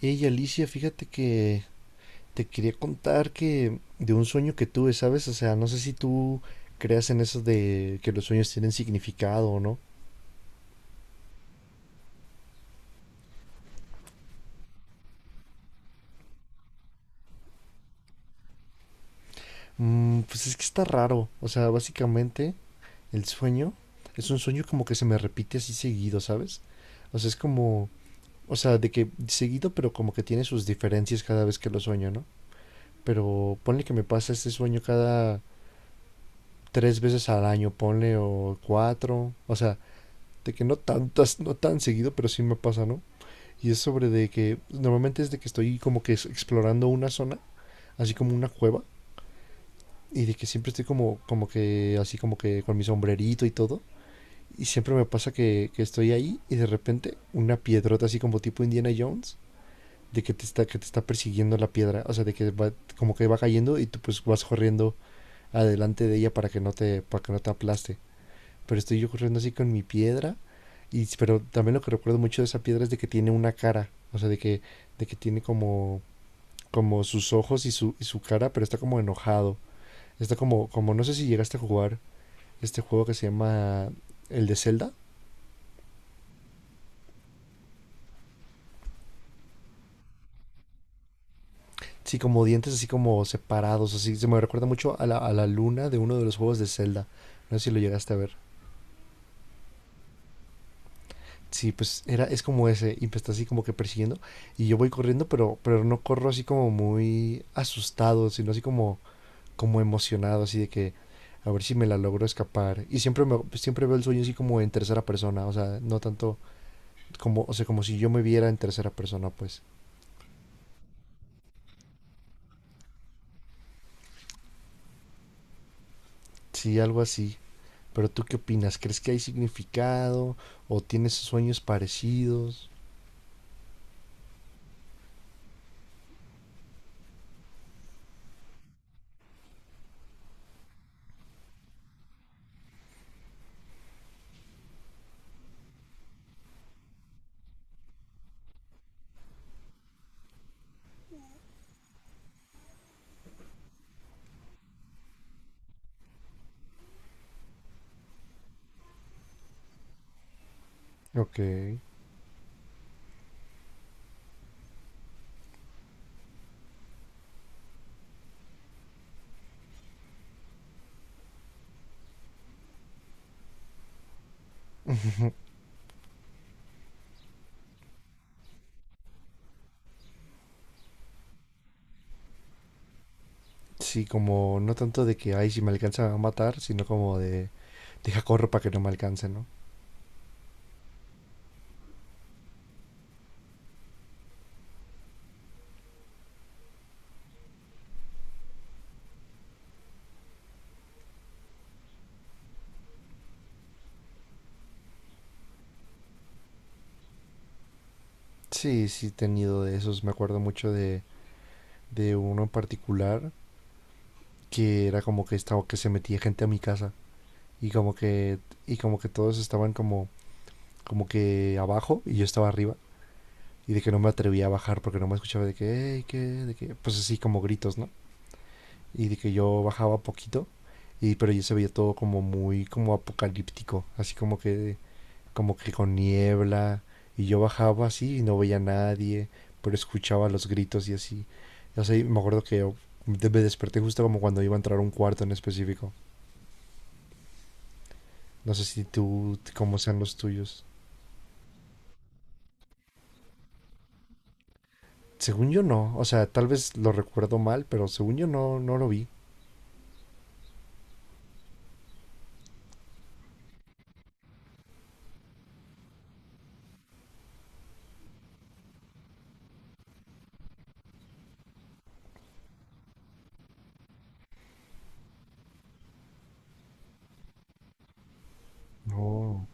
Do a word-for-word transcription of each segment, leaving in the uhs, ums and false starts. Ey, Alicia, fíjate que te quería contar que de un sueño que tuve, ¿sabes? O sea, no sé si tú creas en eso de que los sueños tienen significado o no. Mm, pues es que está raro. O sea, básicamente el sueño es un sueño como que se me repite así seguido, ¿sabes? O sea, es como, o sea, de que seguido, pero como que tiene sus diferencias cada vez que lo sueño, ¿no? Pero ponle que me pasa este sueño cada tres veces al año, ponle o cuatro. O sea, de que no tantas, no tan seguido, pero sí me pasa, ¿no? Y es sobre de que normalmente es de que estoy como que explorando una zona, así como una cueva, y de que siempre estoy como, como que así como que con mi sombrerito y todo. Y siempre me pasa que, que estoy ahí y de repente una piedrota así como tipo Indiana Jones de que te está que te está persiguiendo la piedra, o sea, de que va, como que va cayendo y tú pues vas corriendo adelante de ella para que no te para que no te aplaste. Pero estoy yo corriendo así con mi piedra. Y, pero también lo que recuerdo mucho de esa piedra es de que tiene una cara, o sea, de que, de que tiene como, como sus ojos y su, y su cara, pero está como enojado. Está como, como, no sé si llegaste a jugar este juego que se llama el de Zelda. Sí, como dientes así como separados, así. Se me recuerda mucho a la, a la luna de uno de los juegos de Zelda. No sé si lo llegaste a ver. Sí, pues era, es como ese, y me está así como que persiguiendo. Y yo voy corriendo, pero, pero no corro así como muy asustado, sino así como como emocionado, así de que a ver si me la logro escapar. Y siempre, me, siempre veo el sueño así como en tercera persona, o sea, no tanto como, o sea, como si yo me viera en tercera persona, pues. Sí, algo así. ¿Pero tú qué opinas? ¿Crees que hay significado? ¿O tienes sueños parecidos? Ok. Sí, como no tanto de que, ay, si me alcanzan a matar, sino como de, deja corro para que no me alcance, ¿no? Sí, sí, he tenido de esos. Me acuerdo mucho de, de uno en particular que era como que estaba, que se metía gente a mi casa y como que y como que todos estaban como como que abajo y yo estaba arriba y de que no me atrevía a bajar porque no me escuchaba de que "Ey, ¿qué?" de que pues así como gritos, no. Y de que yo bajaba poquito y, pero yo se veía todo como muy como apocalíptico así como que como que con niebla. Y yo bajaba así y no veía a nadie, pero escuchaba los gritos y así. No sé, me acuerdo que yo de- me desperté justo como cuando iba a entrar a un cuarto en específico. No sé si tú cómo sean los tuyos. Según yo no, o sea, tal vez lo recuerdo mal, pero según yo no, no lo vi. No,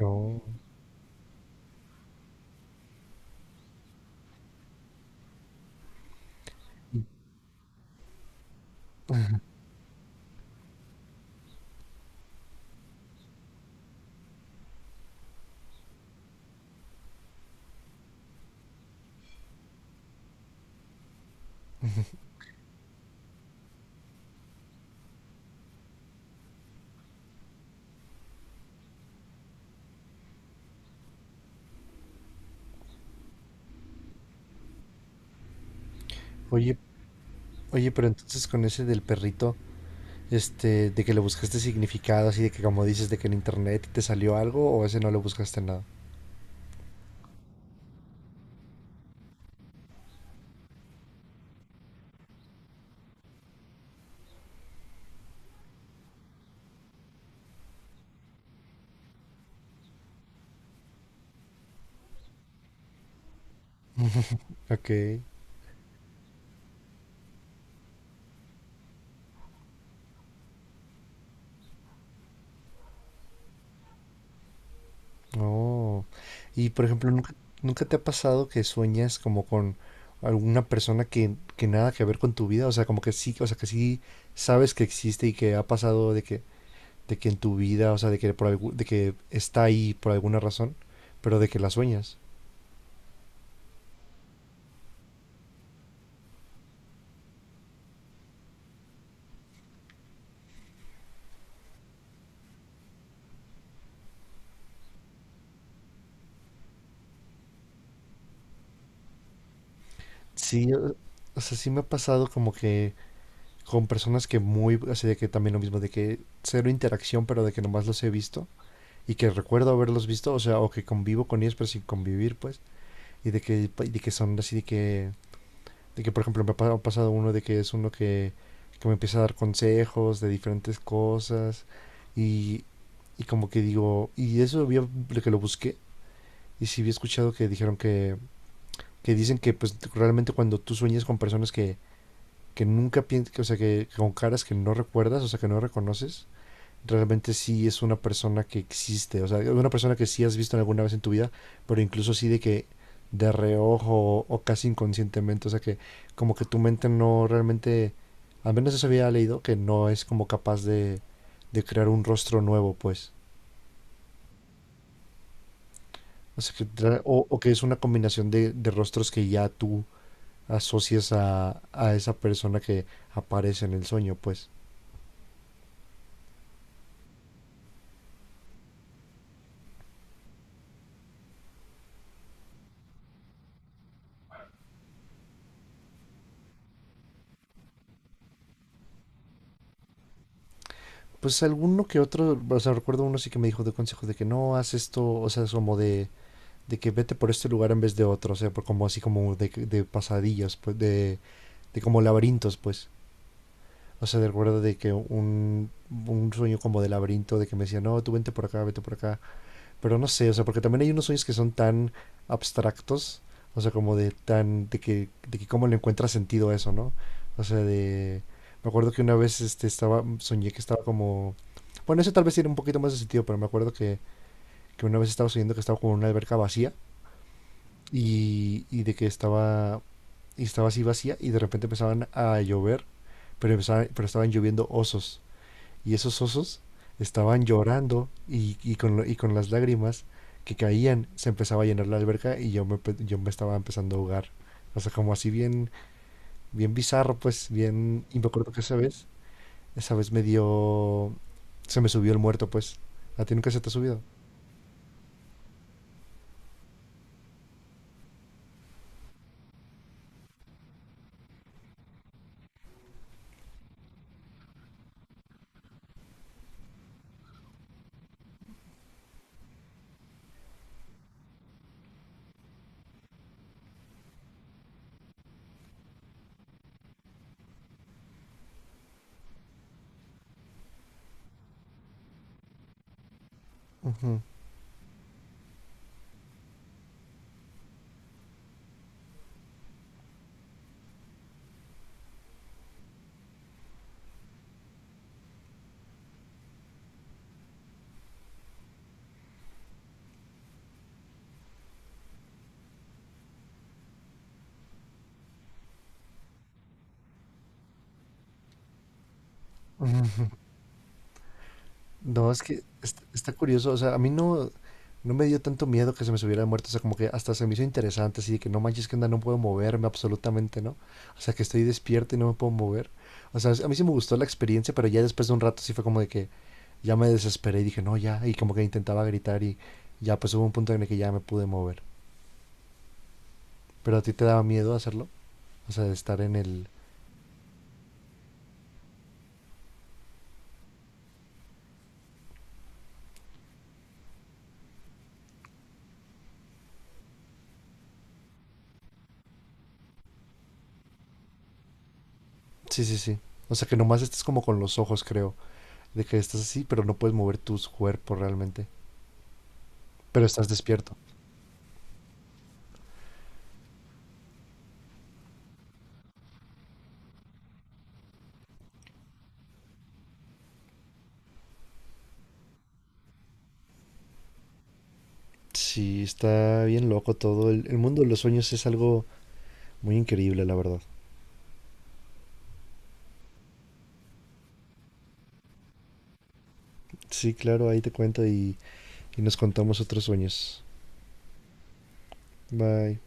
no. Oye, oye, pero entonces con ese del perrito, este, de que le buscaste significado, así de que como dices, de que en internet te salió algo, o ese no le buscaste nada. Ok. Oh. Y por ejemplo, ¿nunca, nunca te ha pasado que sueñas como con alguna persona que, que nada que ver con tu vida? O sea, como que sí, o sea, que sí sabes que existe y que ha pasado de que de que en tu vida, o sea, de que, por algu- de que está ahí por alguna razón, pero de que la sueñas. Sí, o o sea, sí me ha pasado como que con personas que muy, así de que también lo mismo, de que cero interacción, pero de que nomás los he visto y que recuerdo haberlos visto, o sea, o que convivo con ellos, pero sin convivir, pues, y de que, y de que son así de que, de que, por ejemplo, me ha pa- ha pasado uno de que es uno que, que me empieza a dar consejos de diferentes cosas y, y como que digo, y eso había, de que lo busqué. Y sí había escuchado que dijeron que, que dicen que pues realmente cuando tú sueñas con personas que, que nunca piensas, o sea, que con caras que no recuerdas, o sea, que no reconoces, realmente sí es una persona que existe, o sea, una persona que sí has visto alguna vez en tu vida, pero incluso así de que de reojo o, casi inconscientemente, o sea, que como que tu mente no realmente, al menos eso había leído, que no es como capaz de, de crear un rostro nuevo, pues. O sea, que, tra- o, o que es una combinación de, de rostros que ya tú asocias a, a esa persona que aparece en el sueño, pues. Pues alguno que otro, o sea, recuerdo uno sí que me dijo de consejo de que no, haz esto, o sea, es como de, de que vete por este lugar en vez de otro, o sea, por como así como de, de pasadillas, pues, de, de como laberintos, pues. O sea, recuerdo de que un, un sueño como de laberinto, de que me decía, no, tú vente por acá, vete por acá. Pero no sé, o sea, porque también hay unos sueños que son tan abstractos, o sea, como de tan, de que, de que cómo le encuentra sentido a eso, ¿no? O sea, de, me acuerdo que una vez este, estaba, soñé que estaba como, bueno, eso tal vez tiene un poquito más de sentido, pero me acuerdo que, que una vez estaba soñando que estaba como en una alberca vacía y, y de que estaba, y estaba así vacía y de repente empezaban a llover, pero, empezaban- pero estaban lloviendo osos y esos osos estaban llorando y, y con, lo- y con las lágrimas que caían se empezaba a llenar la alberca y yo me, pe- yo me estaba empezando a ahogar. O sea, como así bien, bien bizarro, pues bien. Y me acuerdo que esa vez, esa vez me dio. Se me subió el muerto, pues. ¿A ti nunca se te ha subido? No, es que est- está curioso, o sea, a mí no, no me dio tanto miedo que se me subiera de muerto, o sea, como que hasta se me hizo interesante, así de que no manches que onda, no puedo moverme absolutamente, ¿no? O sea, que estoy despierto y no me puedo mover. O sea, a mí sí me gustó la experiencia, pero ya después de un rato sí fue como de que ya me desesperé y dije, no, ya, y como que intentaba gritar y ya pues hubo un punto en el que ya me pude mover. Pero a ti te daba miedo hacerlo, o sea, de estar en el. Sí, sí, sí. O sea, que nomás estás como con los ojos, creo, de que estás así, pero no puedes mover tus cuerpos realmente, pero estás despierto. Sí, está bien loco todo. El, el mundo de los sueños es algo muy increíble, la verdad. Sí, claro, ahí te cuento y, y nos contamos otros sueños. Bye.